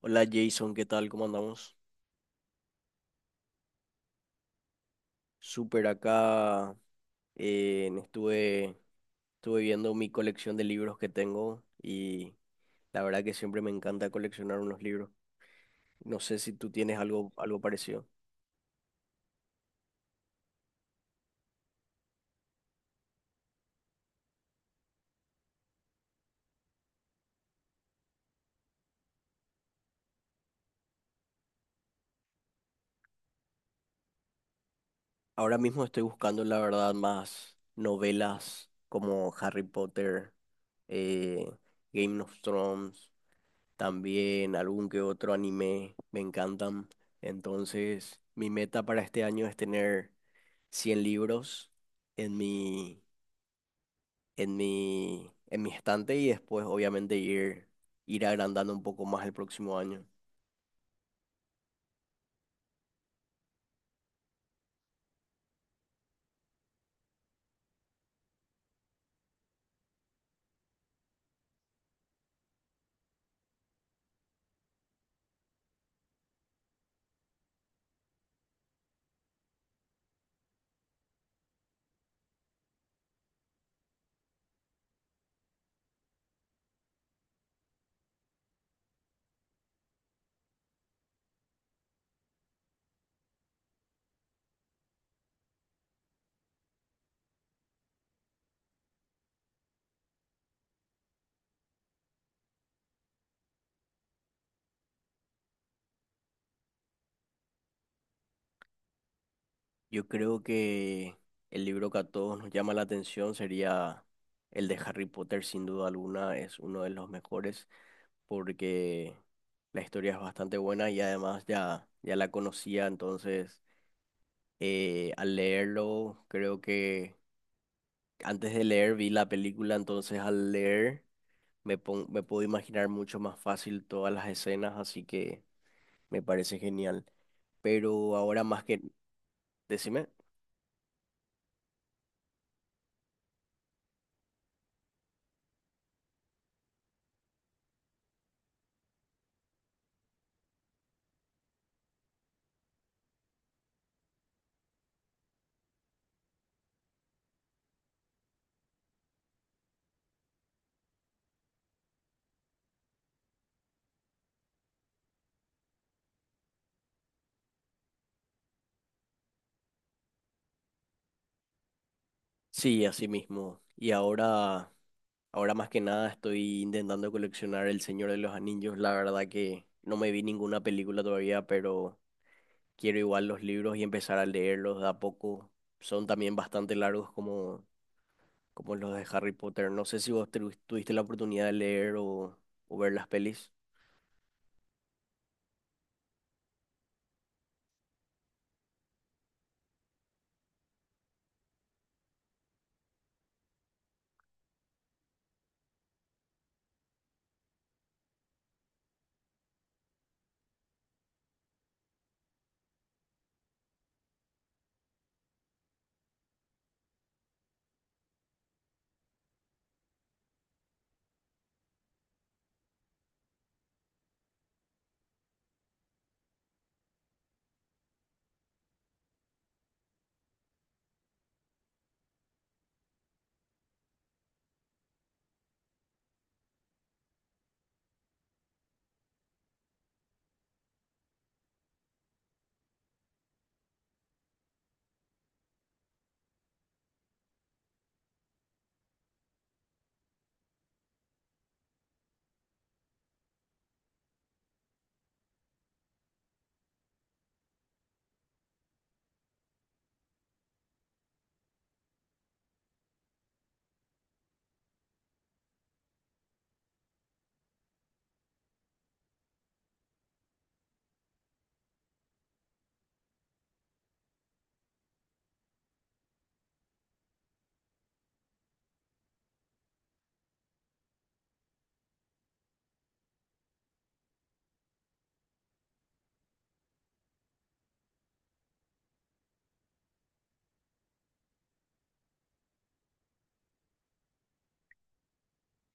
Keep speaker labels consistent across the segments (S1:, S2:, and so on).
S1: Hola, Jason, ¿qué tal? ¿Cómo andamos? Súper acá. eh, estuve, Estuve viendo mi colección de libros que tengo y la verdad que siempre me encanta coleccionar unos libros. No sé si tú tienes algo parecido. Ahora mismo estoy buscando, la verdad, más novelas como Harry Potter, eh, Game of Thrones, también algún que otro anime, me encantan. Entonces, mi meta para este año es tener 100 libros en mi, en mi estante, y después obviamente ir agrandando un poco más el próximo año. Yo creo que el libro que a todos nos llama la atención sería el de Harry Potter. Sin duda alguna, es uno de los mejores porque la historia es bastante buena y además ya, ya la conocía. Entonces, al leerlo, creo que antes de leer vi la película. Entonces, al leer, me puedo imaginar mucho más fácil todas las escenas, así que me parece genial. Pero ahora más que… Decime. Sí, así mismo. Y ahora, ahora más que nada estoy intentando coleccionar El Señor de los Anillos. La verdad que no me vi ninguna película todavía, pero quiero igual los libros y empezar a leerlos de a poco. Son también bastante largos como los de Harry Potter. No sé si vos tuviste la oportunidad de leer o ver las pelis.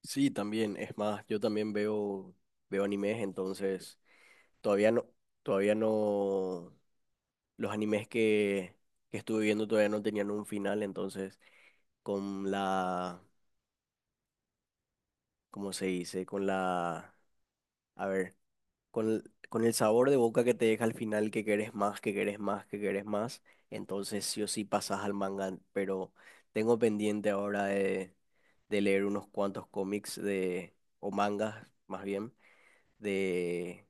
S1: Sí, también. Es más, yo también veo animes. Entonces, todavía no, todavía no, los animes que estuve viendo todavía no tenían un final. Entonces, con la, ¿cómo se dice? Con la, a ver, con el sabor de boca que te deja al final, que querés más, que querés más, que querés más, entonces sí o sí pasas al manga. Pero tengo pendiente ahora de, leer unos cuantos cómics de, o mangas, más bien, de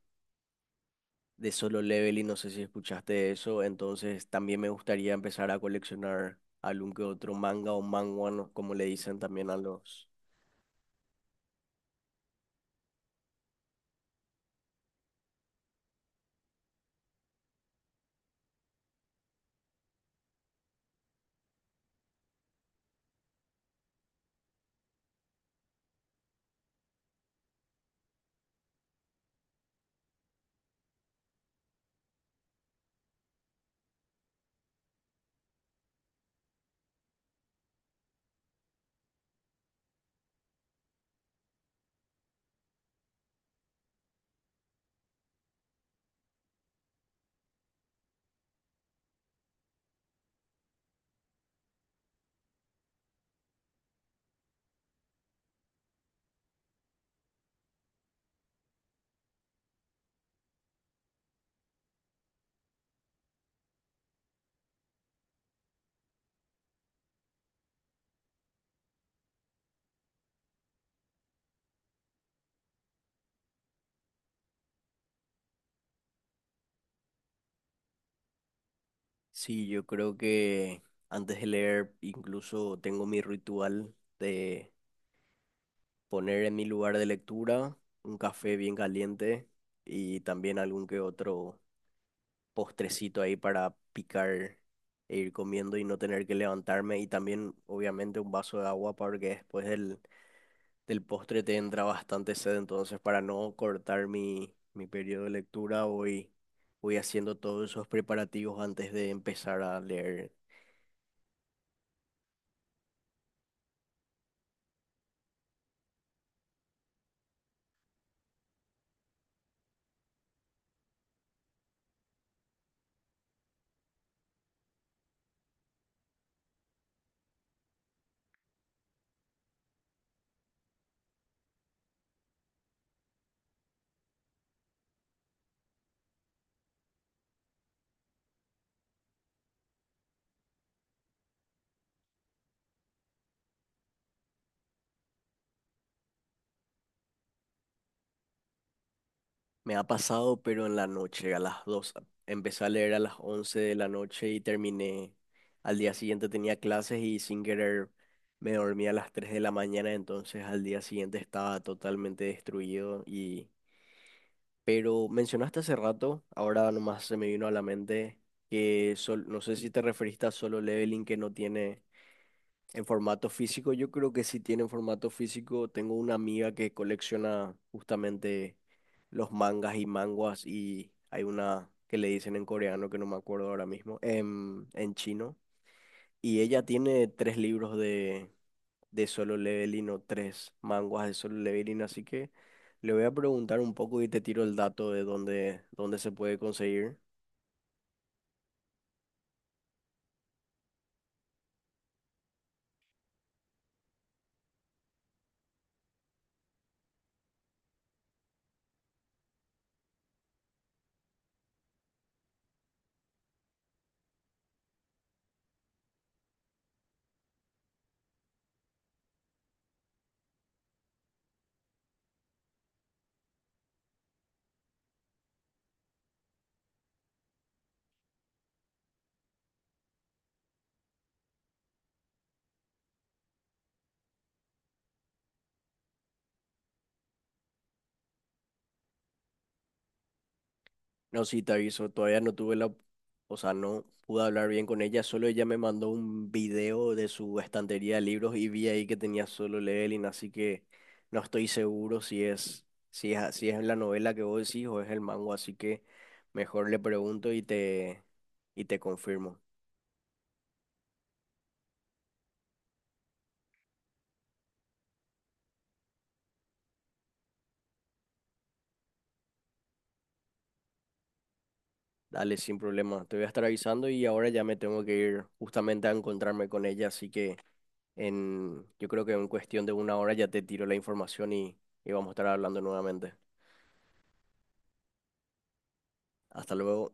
S1: de Solo Leveling. No sé si escuchaste eso. Entonces, también me gustaría empezar a coleccionar algún que otro manga o manhwa, ¿no? Como le dicen también a los… Sí, yo creo que antes de leer incluso tengo mi ritual de poner en mi lugar de lectura un café bien caliente, y también algún que otro postrecito ahí para picar e ir comiendo y no tener que levantarme, y también obviamente un vaso de agua, porque después del postre te entra bastante sed. Entonces, para no cortar mi periodo de lectura, voy haciendo todos esos preparativos antes de empezar a leer. Me ha pasado, pero en la noche, a las 2. Empecé a leer a las 11 de la noche y terminé. Al día siguiente tenía clases y sin querer me dormí a las 3 de la mañana. Entonces, al día siguiente estaba totalmente destruido. Y pero mencionaste hace rato, ahora nomás se me vino a la mente, que no sé si te referiste a Solo Leveling, que no tiene en formato físico. Yo creo que sí tiene en formato físico. Tengo una amiga que colecciona justamente los mangas y manguas, y hay una que le dicen en coreano, que no me acuerdo ahora mismo, en chino. Y ella tiene tres libros de Solo Leveling, o tres manguas de Solo Leveling, así que le voy a preguntar un poco y te tiro el dato de dónde se puede conseguir. No, sí, te aviso. Todavía no tuve la, o sea, no pude hablar bien con ella. Solo ella me mandó un video de su estantería de libros y vi ahí que tenía Solo Leveling, así que no estoy seguro si es la novela que vos decís o es el mango, así que mejor le pregunto y y te confirmo. Dale, sin problema. Te voy a estar avisando. Y ahora ya me tengo que ir justamente a encontrarme con ella, así que yo creo que en cuestión de una hora ya te tiro la información y vamos a estar hablando nuevamente. Hasta luego.